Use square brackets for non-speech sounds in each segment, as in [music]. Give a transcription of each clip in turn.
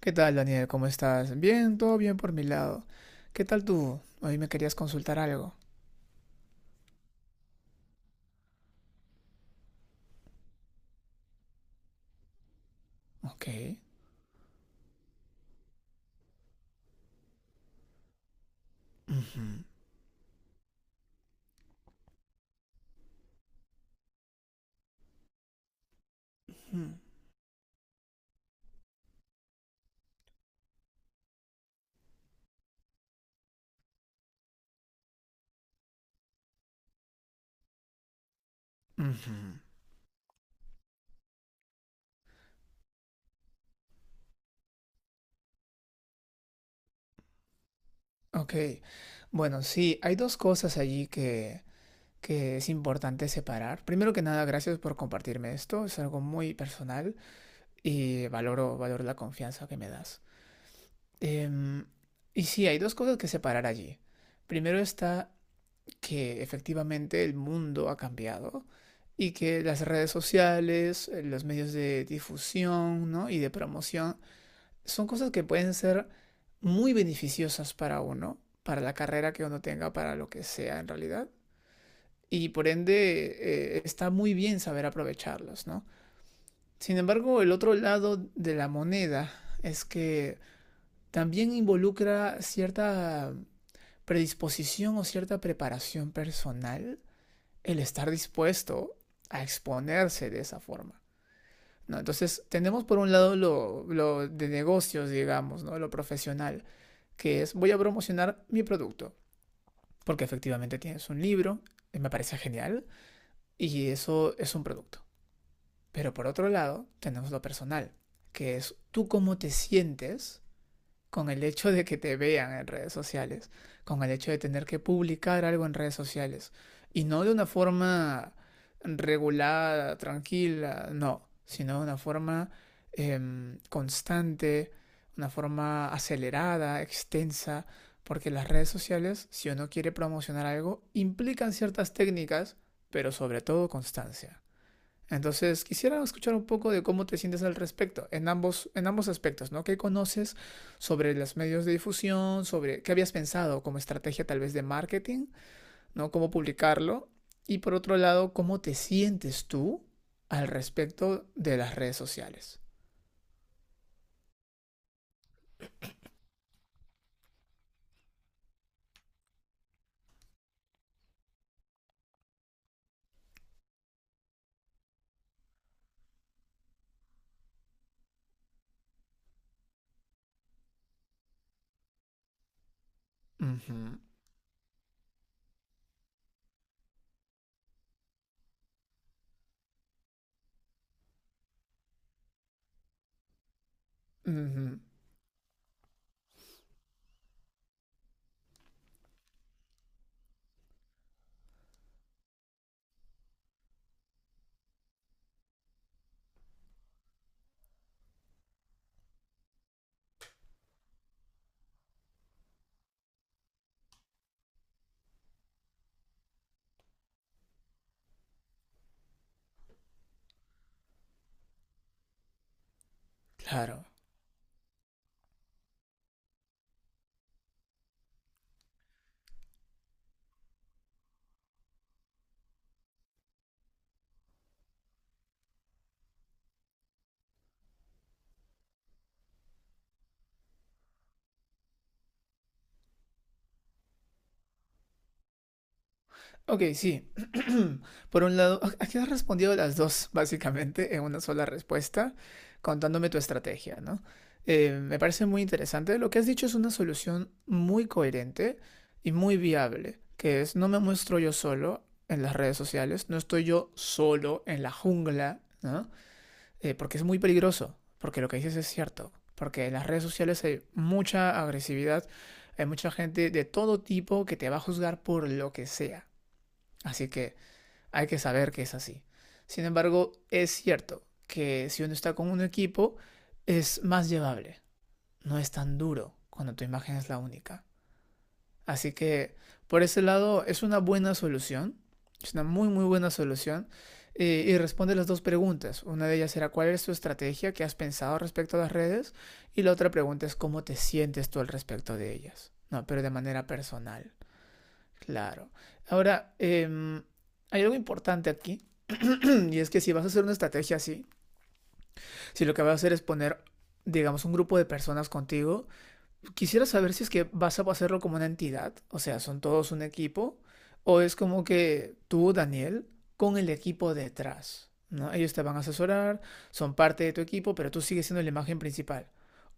¿Qué tal, Daniel? ¿Cómo estás? Bien, todo bien por mi lado. ¿Qué tal tú? Hoy me querías consultar algo. Ok. Ujú. Ujú. Ok. Bueno, sí, hay dos cosas allí que es importante separar. Primero que nada, gracias por compartirme esto. Es algo muy personal y valoro la confianza que me das. Em, y sí, hay dos cosas que separar allí. Primero está que efectivamente el mundo ha cambiado y que las redes sociales, los medios de difusión, ¿no?, y de promoción son cosas que pueden ser muy beneficiosas para uno, para la carrera que uno tenga, para lo que sea en realidad. Y por ende está muy bien saber aprovecharlos, ¿no? Sin embargo, el otro lado de la moneda es que también involucra cierta predisposición o cierta preparación personal, el estar dispuesto a exponerse de esa forma, ¿no? Entonces, tenemos por un lado lo de negocios, digamos, ¿no? Lo profesional, que es voy a promocionar mi producto, porque efectivamente tienes un libro, me parece genial, y eso es un producto. Pero por otro lado, tenemos lo personal, que es tú cómo te sientes con el hecho de que te vean en redes sociales, con el hecho de tener que publicar algo en redes sociales, y no de una forma regulada, tranquila, no, sino de una forma constante, una forma acelerada, extensa, porque las redes sociales, si uno quiere promocionar algo, implican ciertas técnicas, pero sobre todo constancia. Entonces, quisiera escuchar un poco de cómo te sientes al respecto, en ambos aspectos, ¿no? ¿Qué conoces sobre los medios de difusión? ¿Sobre qué habías pensado como estrategia tal vez de marketing, ¿no? Cómo publicarlo. Y por otro lado, ¿cómo te sientes tú al respecto de las redes sociales? Ujú, ujú, claro. Ok, sí. [clears throat] Por un lado, aquí has respondido las dos, básicamente, en una sola respuesta, contándome tu estrategia, ¿no? Me parece muy interesante. Lo que has dicho es una solución muy coherente y muy viable, que es no me muestro yo solo en las redes sociales, no estoy yo solo en la jungla, ¿no? Porque es muy peligroso, porque lo que dices es cierto, porque en las redes sociales hay mucha agresividad, hay mucha gente de todo tipo que te va a juzgar por lo que sea. Así que hay que saber que es así. Sin embargo, es cierto que si uno está con un equipo es más llevable, no es tan duro cuando tu imagen es la única. Así que por ese lado es una buena solución, es una muy muy buena solución y responde las dos preguntas. Una de ellas será cuál es tu estrategia que has pensado respecto a las redes y la otra pregunta es cómo te sientes tú al respecto de ellas, no, pero de manera personal. Claro. Ahora, hay algo importante aquí. [clears throat] Y es que si vas a hacer una estrategia así, si lo que vas a hacer es poner, digamos, un grupo de personas contigo, quisiera saber si es que vas a hacerlo como una entidad, o sea, son todos un equipo, o es como que tú, Daniel, con el equipo detrás, ¿no? Ellos te van a asesorar, son parte de tu equipo, pero tú sigues siendo la imagen principal.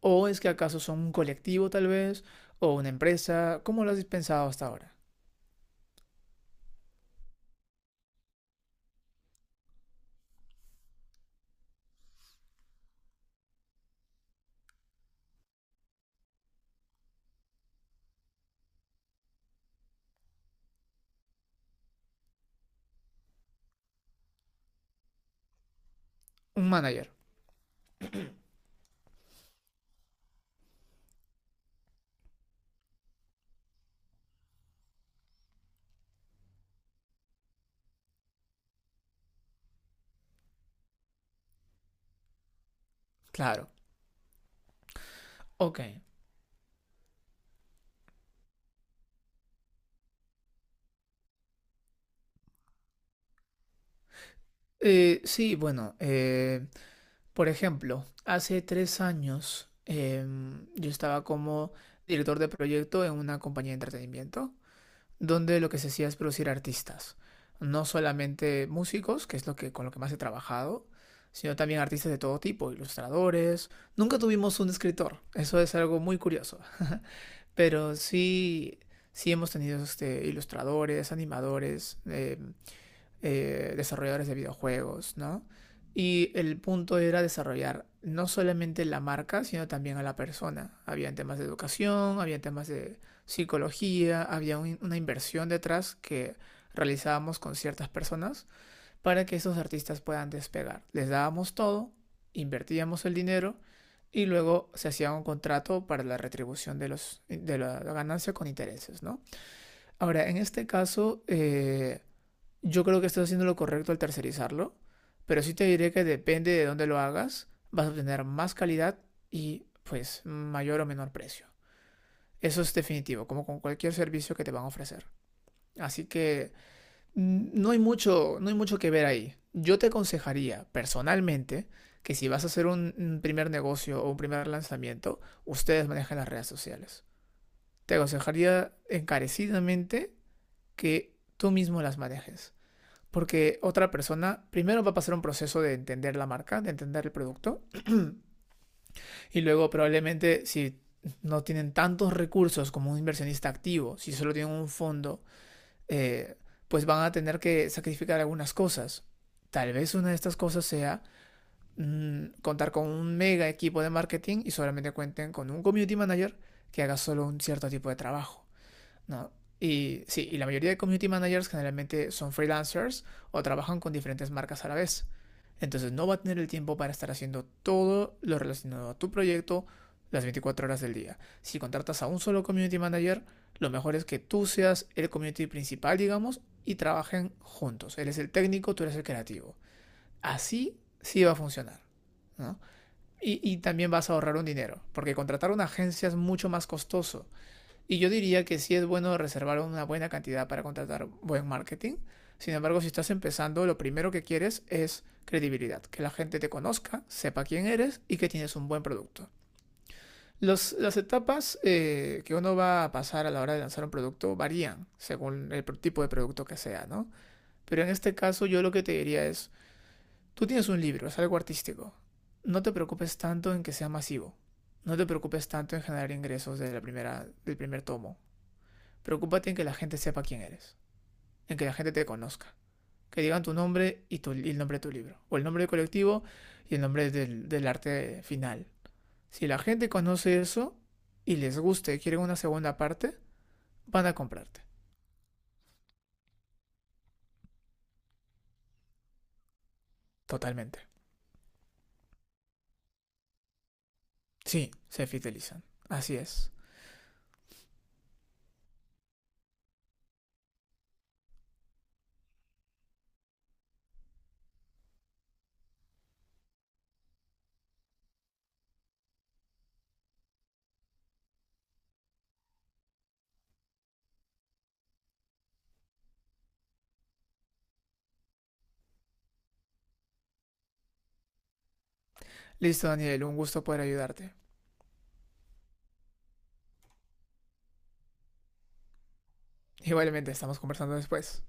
¿O es que acaso son un colectivo tal vez, o una empresa? ¿Cómo lo has pensado hasta ahora? Un manager. Claro. Ok. Sí, bueno, por ejemplo, hace 3 años yo estaba como director de proyecto en una compañía de entretenimiento, donde lo que se hacía es producir artistas, no solamente músicos, que es lo que, con lo que más he trabajado, sino también artistas de todo tipo, ilustradores. Nunca tuvimos un escritor, eso es algo muy curioso, pero sí, sí hemos tenido este, ilustradores, animadores, desarrolladores de videojuegos, ¿no? Y el punto era desarrollar no solamente la marca, sino también a la persona. Habían temas de educación, había temas de psicología, había una inversión detrás que realizábamos con ciertas personas para que esos artistas puedan despegar. Les dábamos todo, invertíamos el dinero y luego se hacía un contrato para la retribución de la ganancia con intereses, ¿no? Ahora, en este caso, yo creo que estás haciendo lo correcto al tercerizarlo, pero sí te diré que depende de dónde lo hagas, vas a obtener más calidad y pues mayor o menor precio. Eso es definitivo, como con cualquier servicio que te van a ofrecer. Así que no hay mucho que ver ahí. Yo te aconsejaría personalmente que si vas a hacer un primer negocio o un primer lanzamiento, ustedes manejen las redes sociales. Te aconsejaría encarecidamente que tú mismo las manejes. Porque otra persona primero va a pasar un proceso de entender la marca, de entender el producto, y luego probablemente si no tienen tantos recursos como un inversionista activo, si solo tienen un fondo, eh, pues van a tener que sacrificar algunas cosas. Tal vez una de estas cosas sea contar con un mega equipo de marketing y solamente cuenten con un community manager que haga solo un cierto tipo de trabajo, ¿no? Y sí, y la mayoría de community managers generalmente son freelancers o trabajan con diferentes marcas a la vez. Entonces no va a tener el tiempo para estar haciendo todo lo relacionado a tu proyecto las 24 horas del día. Si contratas a un solo community manager, lo mejor es que tú seas el community principal, digamos, y trabajen juntos. Él es el técnico, tú eres el creativo. Así sí va a funcionar, ¿no? Y también vas a ahorrar un dinero, porque contratar una agencia es mucho más costoso. Y yo diría que sí es bueno reservar una buena cantidad para contratar buen marketing. Sin embargo, si estás empezando, lo primero que quieres es credibilidad, que la gente te conozca, sepa quién eres y que tienes un buen producto. Las etapas que uno va a pasar a la hora de lanzar un producto varían según el tipo de producto que sea, ¿no? Pero en este caso yo lo que te diría es, tú tienes un libro, es algo artístico, no te preocupes tanto en que sea masivo, no te preocupes tanto en generar ingresos del primer tomo. Preocúpate en que la gente sepa quién eres, en que la gente te conozca, que digan tu nombre y, y el nombre de tu libro, o el nombre del colectivo y el nombre del arte final. Si la gente conoce eso y les gusta y quieren una segunda parte, van a comprarte. Totalmente. Sí, se fidelizan. Así es. Listo, Daniel, un gusto poder ayudarte. Igualmente, estamos conversando después.